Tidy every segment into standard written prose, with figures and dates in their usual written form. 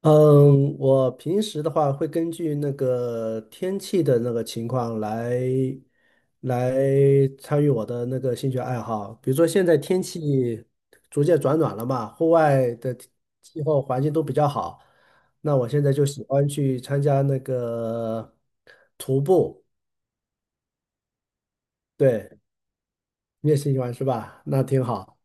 嗯，我平时的话会根据那个天气的那个情况来参与我的那个兴趣爱好。比如说现在天气逐渐转暖了嘛，户外的气候环境都比较好，那我现在就喜欢去参加那个徒步。对，你也喜欢是吧？那挺好。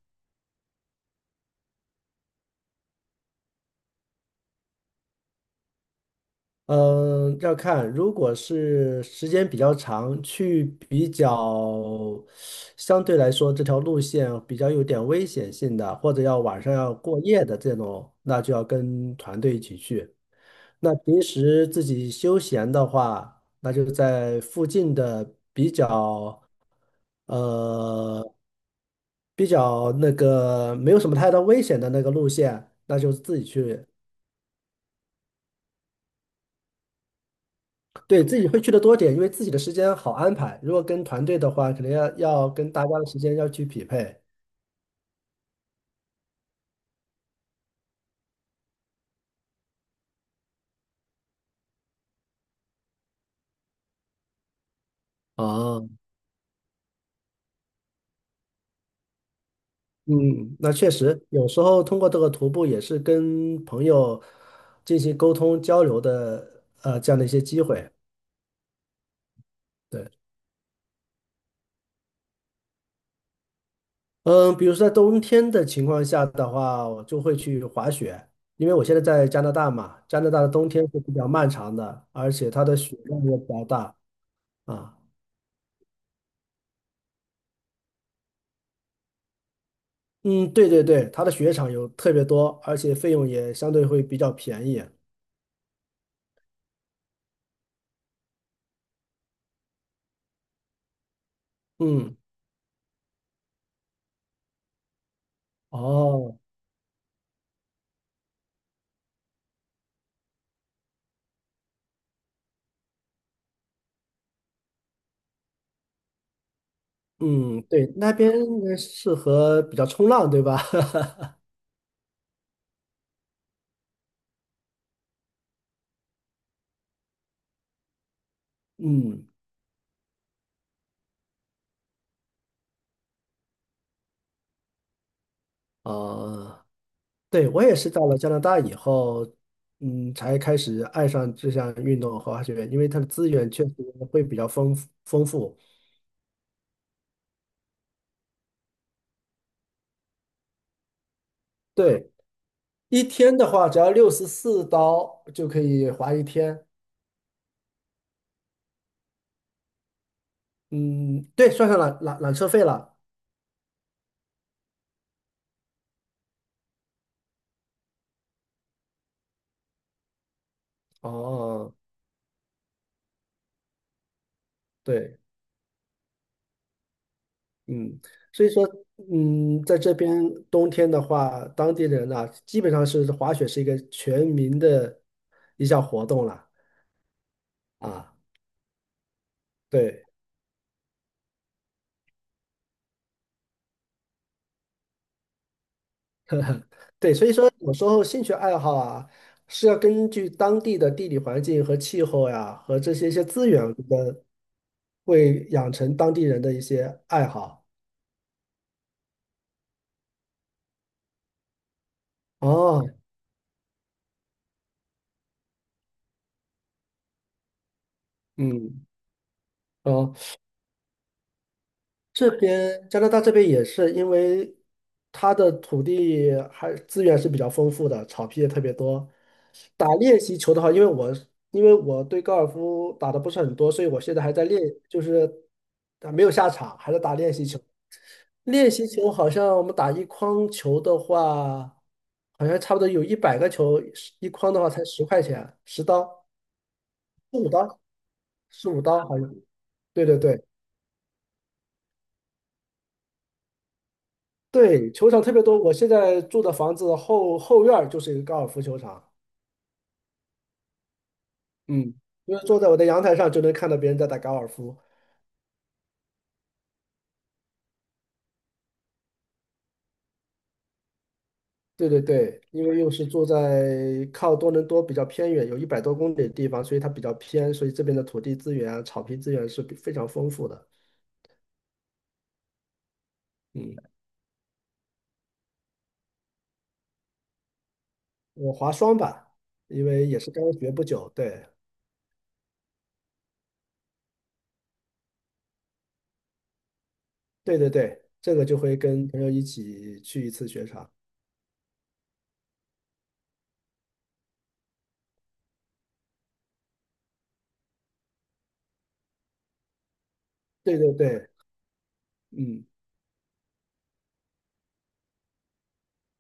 嗯，要看，如果是时间比较长，去比较相对来说这条路线比较有点危险性的，或者要晚上要过夜的这种，那就要跟团队一起去。那平时自己休闲的话，那就在附近的呃比较那个没有什么太大危险的那个路线，那就自己去。对，自己会去的多点，因为自己的时间好安排。如果跟团队的话，可能要跟大家的时间要去匹配。啊，嗯，那确实，有时候通过这个徒步也是跟朋友进行沟通交流的，这样的一些机会。对，嗯，比如说在冬天的情况下的话，我就会去滑雪，因为我现在在加拿大嘛，加拿大的冬天是比较漫长的，而且它的雪量也比较大啊。嗯，对对对，它的雪场有特别多，而且费用也相对会比较便宜。嗯，哦，嗯，对，那边应该适合比较冲浪，对吧？嗯，啊，对，我也是到了加拿大以后，嗯，才开始爱上这项运动和滑雪，因为它的资源确实会比较丰富。对，一天的话，只要64刀就可以滑一天。嗯，对，算上缆车费了。哦，对。嗯，所以说，嗯，在这边冬天的话，当地人啊，基本上是滑雪是一个全民的一项活动了啊。对对，所以说有时候兴趣爱好啊，是要根据当地的地理环境和气候呀，和这些一些资源的，会养成当地人的一些爱好。哦，嗯，哦，这边加拿大这边也是，因为它的土地还资源是比较丰富的，草皮也特别多。打练习球的话，因为我对高尔夫打的不是很多，所以我现在还在练，就是啊没有下场，还在打练习球。练习球好像我们打一筐球的话，好像差不多有100个球，一筐的话才10块钱，10刀，十五刀，十五刀好像。对对对，对，球场特别多。我现在住的房子后院儿就是一个高尔夫球场，嗯，因为坐在我的阳台上就能看到别人在打高尔夫。对对对，因为又是住在靠多伦多比较偏远，有100多公里的地方，所以它比较偏，所以这边的土地资源啊、草皮资源是比非常丰富的。嗯，我滑双板，因为也是刚学不久，对对对对，这个就会跟朋友一起去一次雪场。对对对，嗯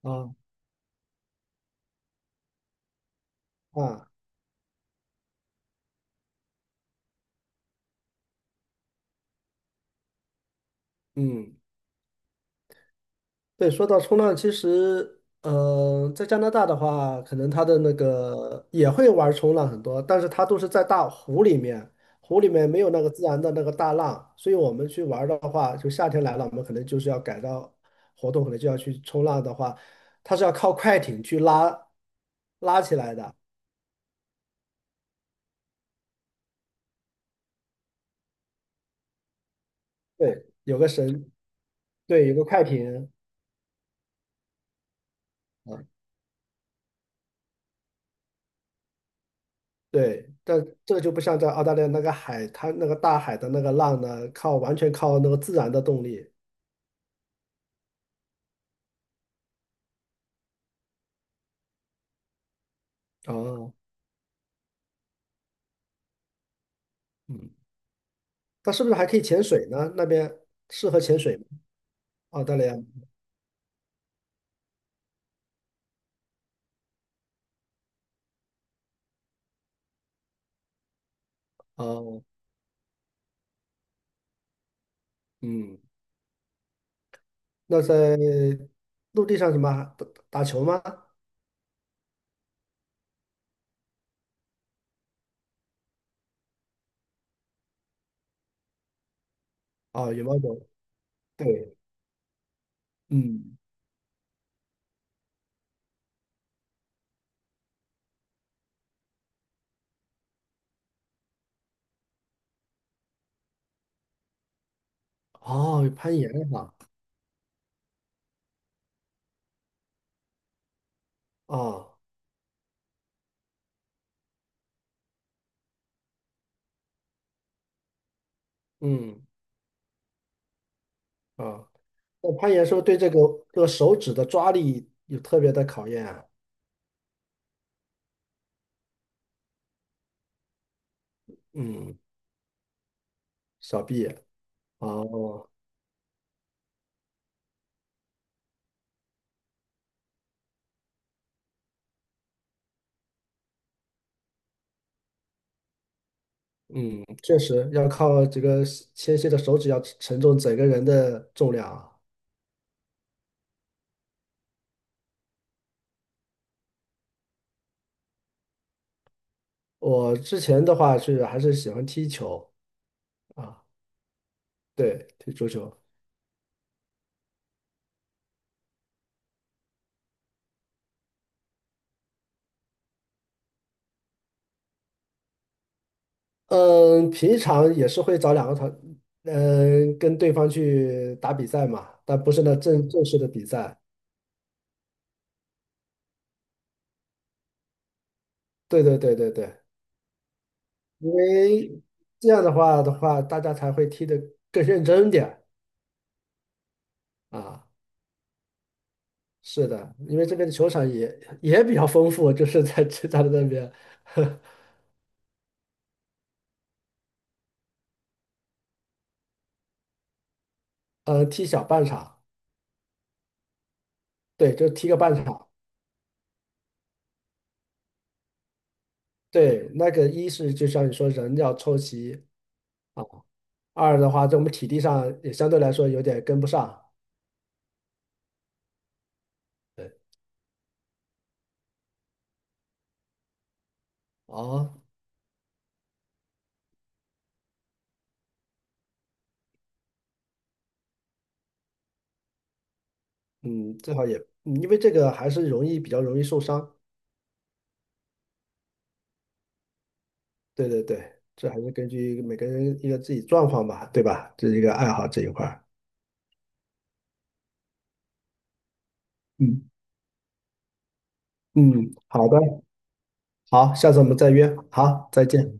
啊啊嗯。对，说到冲浪，其实，在加拿大的话，可能它的那个也会玩冲浪很多，但是它都是在大湖里面，湖里面没有那个自然的那个大浪，所以我们去玩的话，就夏天来了，我们可能就是要改造活动，可能就要去冲浪的话，它是要靠快艇去拉起来的，对，有个绳，对，有个快艇。啊。对，但这个就不像在澳大利亚那个海滩、那个大海的那个浪呢，完全靠那个自然的动力。哦，嗯，那是不是还可以潜水呢？那边适合潜水吗？澳大利亚？哦，嗯，那在陆地上什么打打球吗？哦，羽毛球。对，嗯，哦，有攀岩哈，哦，嗯，啊，那攀岩是不是对这个手指的抓力有特别的考验啊？嗯，小臂。哦，确实要靠这个纤细的手指要承重整个人的重量啊。我之前的话是还是喜欢踢球啊，对，踢足球。嗯，平常也是会找两个团，嗯，跟对方去打比赛嘛，但不是那正式的比赛。对对对对对，因为这样的话，大家才会踢得更认真点儿啊。是的，因为这边的球场也比较丰富，就是在浙江的那边，踢小半场，对，就踢个半场。对，那个一是就像你说，人要凑齐，啊，二的话，在我们体力上也相对来说有点跟不上。对，哦，嗯，最好也，因为这个还是比较容易受伤。对对对，这还是根据每个人一个自己状况吧，对吧？这是一个爱好这一块儿。嗯嗯，好的，好，下次我们再约。好，再见。